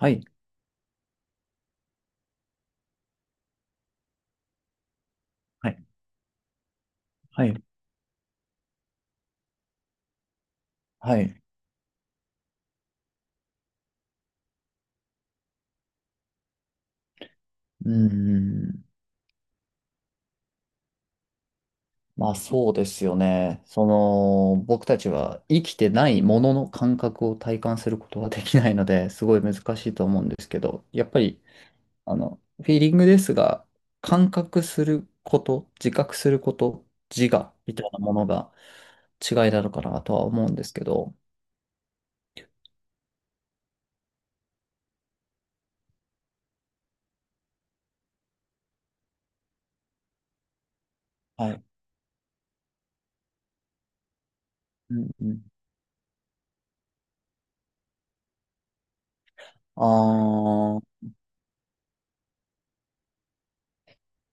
はい、はい、はい、はい。うん。まあそうですよね。その、僕たちは生きてないものの感覚を体感することはできないので、すごい難しいと思うんですけど、やっぱり、フィーリングですが、感覚すること、自覚すること、自我みたいなものが違いなのかなとは思うんですけど、はい。うんうん。ああ、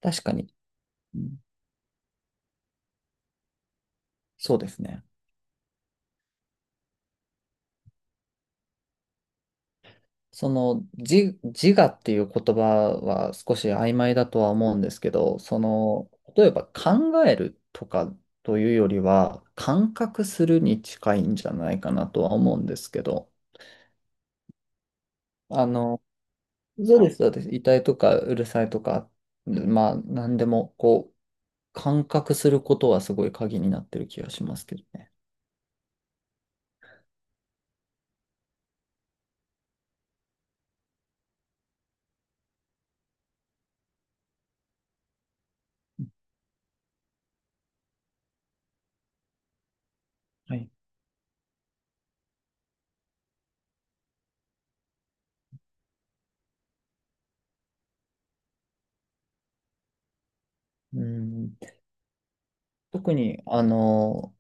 確かに。うん。そうですね。その自我っていう言葉は少し曖昧だとは思うんですけど、例えば考えるとかというよりは、感覚するに近いんじゃないかなとは思うんですけど、あの、そうです、そうです。痛いとかうるさいとか、まあ、なんでも、こう、感覚することはすごい鍵になってる気がしますけどね。はい。うん。特に、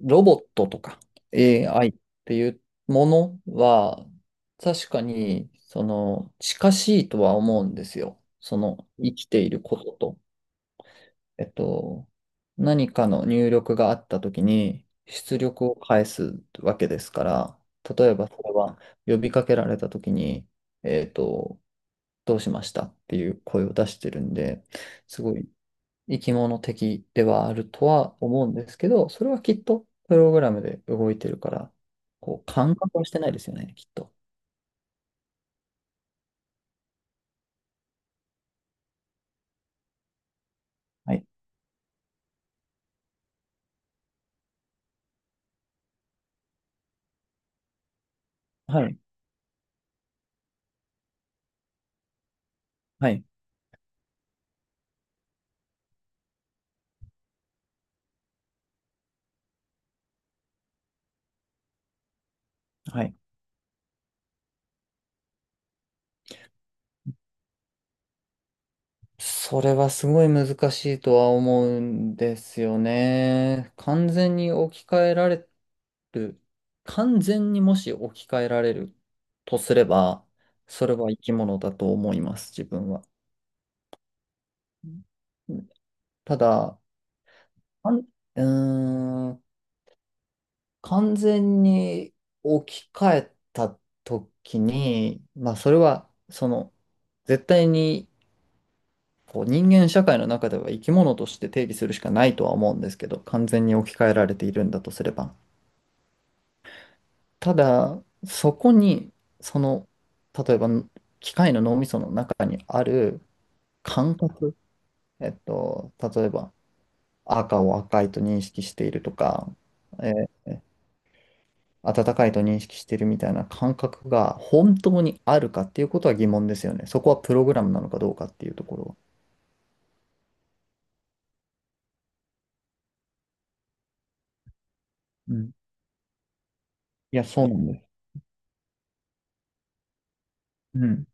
ロボットとか AI っていうものは、確かに、近しいとは思うんですよ。その、生きていることと、えっと、何かの入力があったときに、出力を返すわけですから、例えばそれは呼びかけられたときに、えっと、どうしましたっていう声を出してるんで、すごい生き物的ではあるとは思うんですけど、それはきっとプログラムで動いてるから、こう、感覚はしてないですよね、きっと。はい。はい。はい。はい。それはすごい難しいとは思うんですよね。完全に置き換えられる。完全にもし置き換えられるとすれば、それは生き物だと思います、自分は。うん。ただ、あんうーん完全に置き換えた時に、まあそれはその絶対にこう人間社会の中では生き物として定義するしかないとは思うんですけど、完全に置き換えられているんだとすれば。ただ、そこにその、例えば機械の脳みその中にある感覚、例えば赤を赤いと認識しているとか、え温かいと認識してるみたいな感覚が本当にあるかっていうことは疑問ですよね。そこはプログラムなのかどうかっていうところは。うん。いや、そうなんです。うん。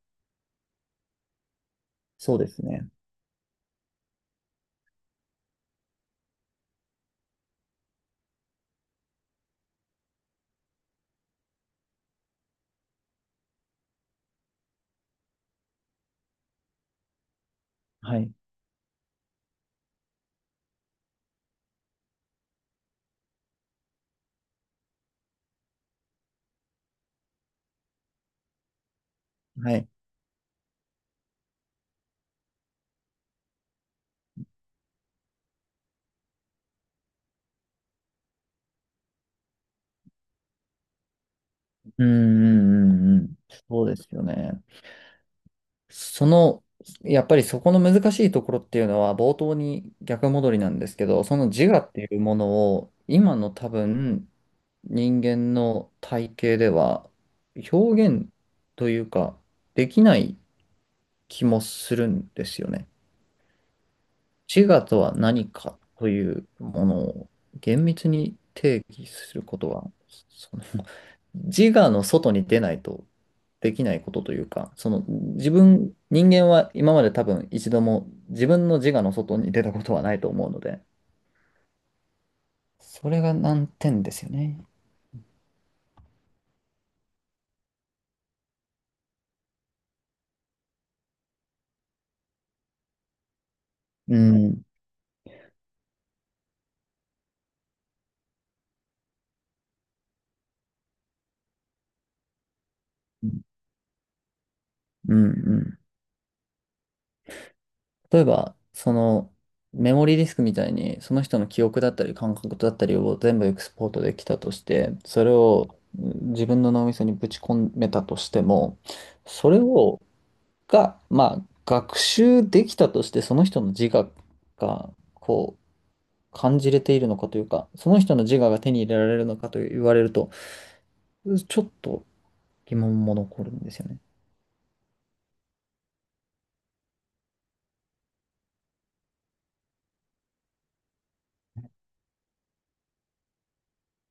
そうですね。はい。はい。うんうんうんうん。そうですよね。その、やっぱりそこの難しいところっていうのは冒頭に逆戻りなんですけど、その自我っていうものを今の多分人間の体系では表現というかできない気もするんですよね。自我とは何かというものを厳密に定義することは、その自我の外に出ないとできないことというか、その自分、人間は今まで多分一度も自分の自我の外に出たことはないと思うので、それが難点ですよね。うん。うんうん。例えば、そのメモリーディスクみたいに、その人の記憶だったり感覚だったりを全部エクスポートできたとして、それを、うん、自分の脳みそにぶち込めたとしても、それを、が、まあ、学習できたとして、その人の自我が、こう、感じれているのかというか、その人の自我が手に入れられるのかと言われると、ちょっと疑問も残るんですよね。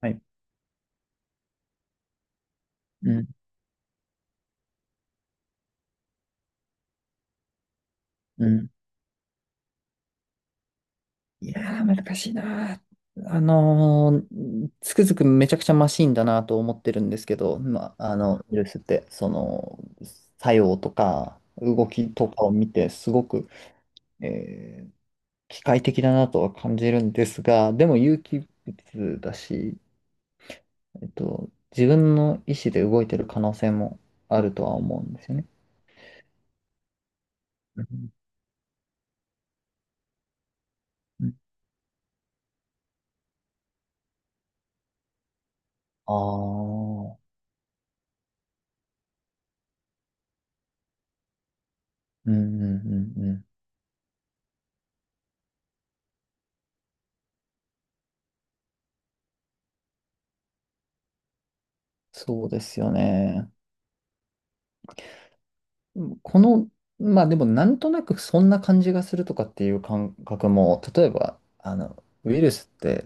はい。うん、うん。いやー、難しいなー。つくづくめちゃくちゃマシンだなと思ってるんですけど、まあ、ウイルスって、作用とか、動きとかを見て、すごく、えー機械的だなとは感じるんですが、でも有機物だし、えっと、自分の意思で動いてる可能性もあるとは思うんですよね。うんうん。ああー。うんうんうんうん。そうですよね。うん。この、まあでもなんとなくそんな感じがするとかっていう感覚も、例えば、ウイルスって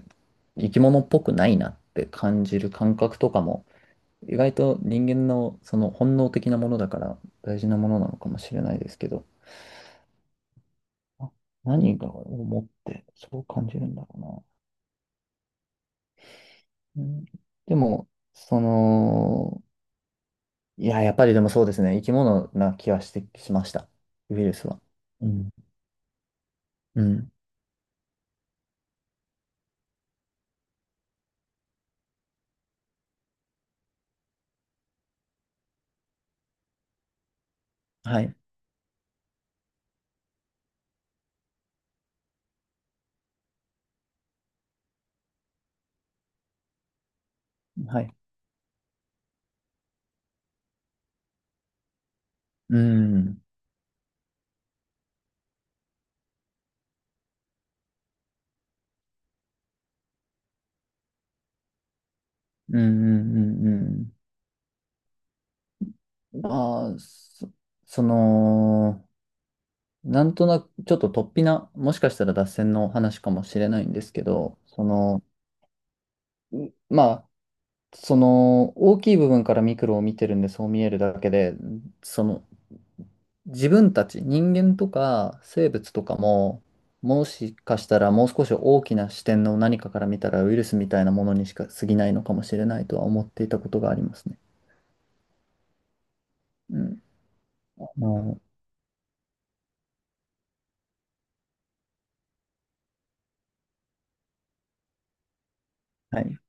生き物っぽくないなって感じる感覚とかも、意外と人間のその本能的なものだから大事なものなのかもしれないですけど、あ何が思ってそう感じるんだろうな。うん、でも、その、いや、やっぱりでもそうですね、生き物な気はしてしました、ウイルスは。うん。うん。はい。はい。うん、うん、うん、うんうん。まあ、その、なんとなく、ちょっと突飛な、もしかしたら脱線の話かもしれないんですけど、その、まあ、その、大きい部分からミクロを見てるんで、そう見えるだけで、その、自分たち、人間とか生物とかも、もしかしたらもう少し大きな視点の何かから見たらウイルスみたいなものにしか過ぎないのかもしれないとは思っていたことがありますね。うん。まあのはい。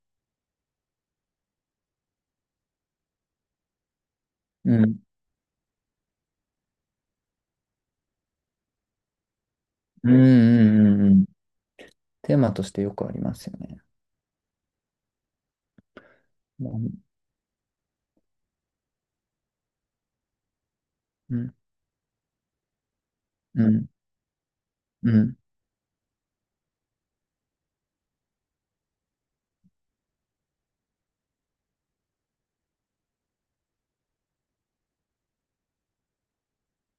うん。うんうんうんうん。テーマとしてよくありますよね。もうん。うん。うん。うん。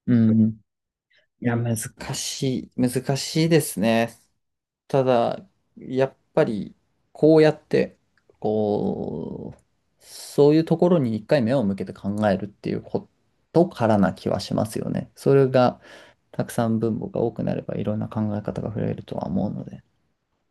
うんうん。いや、難しい。難しいですね。ただ、やっぱり、こうやって、こう、そういうところに一回目を向けて考えるっていうことからな気はしますよね。それが、たくさん分母が多くなれば、いろんな考え方が増えるとは思うので。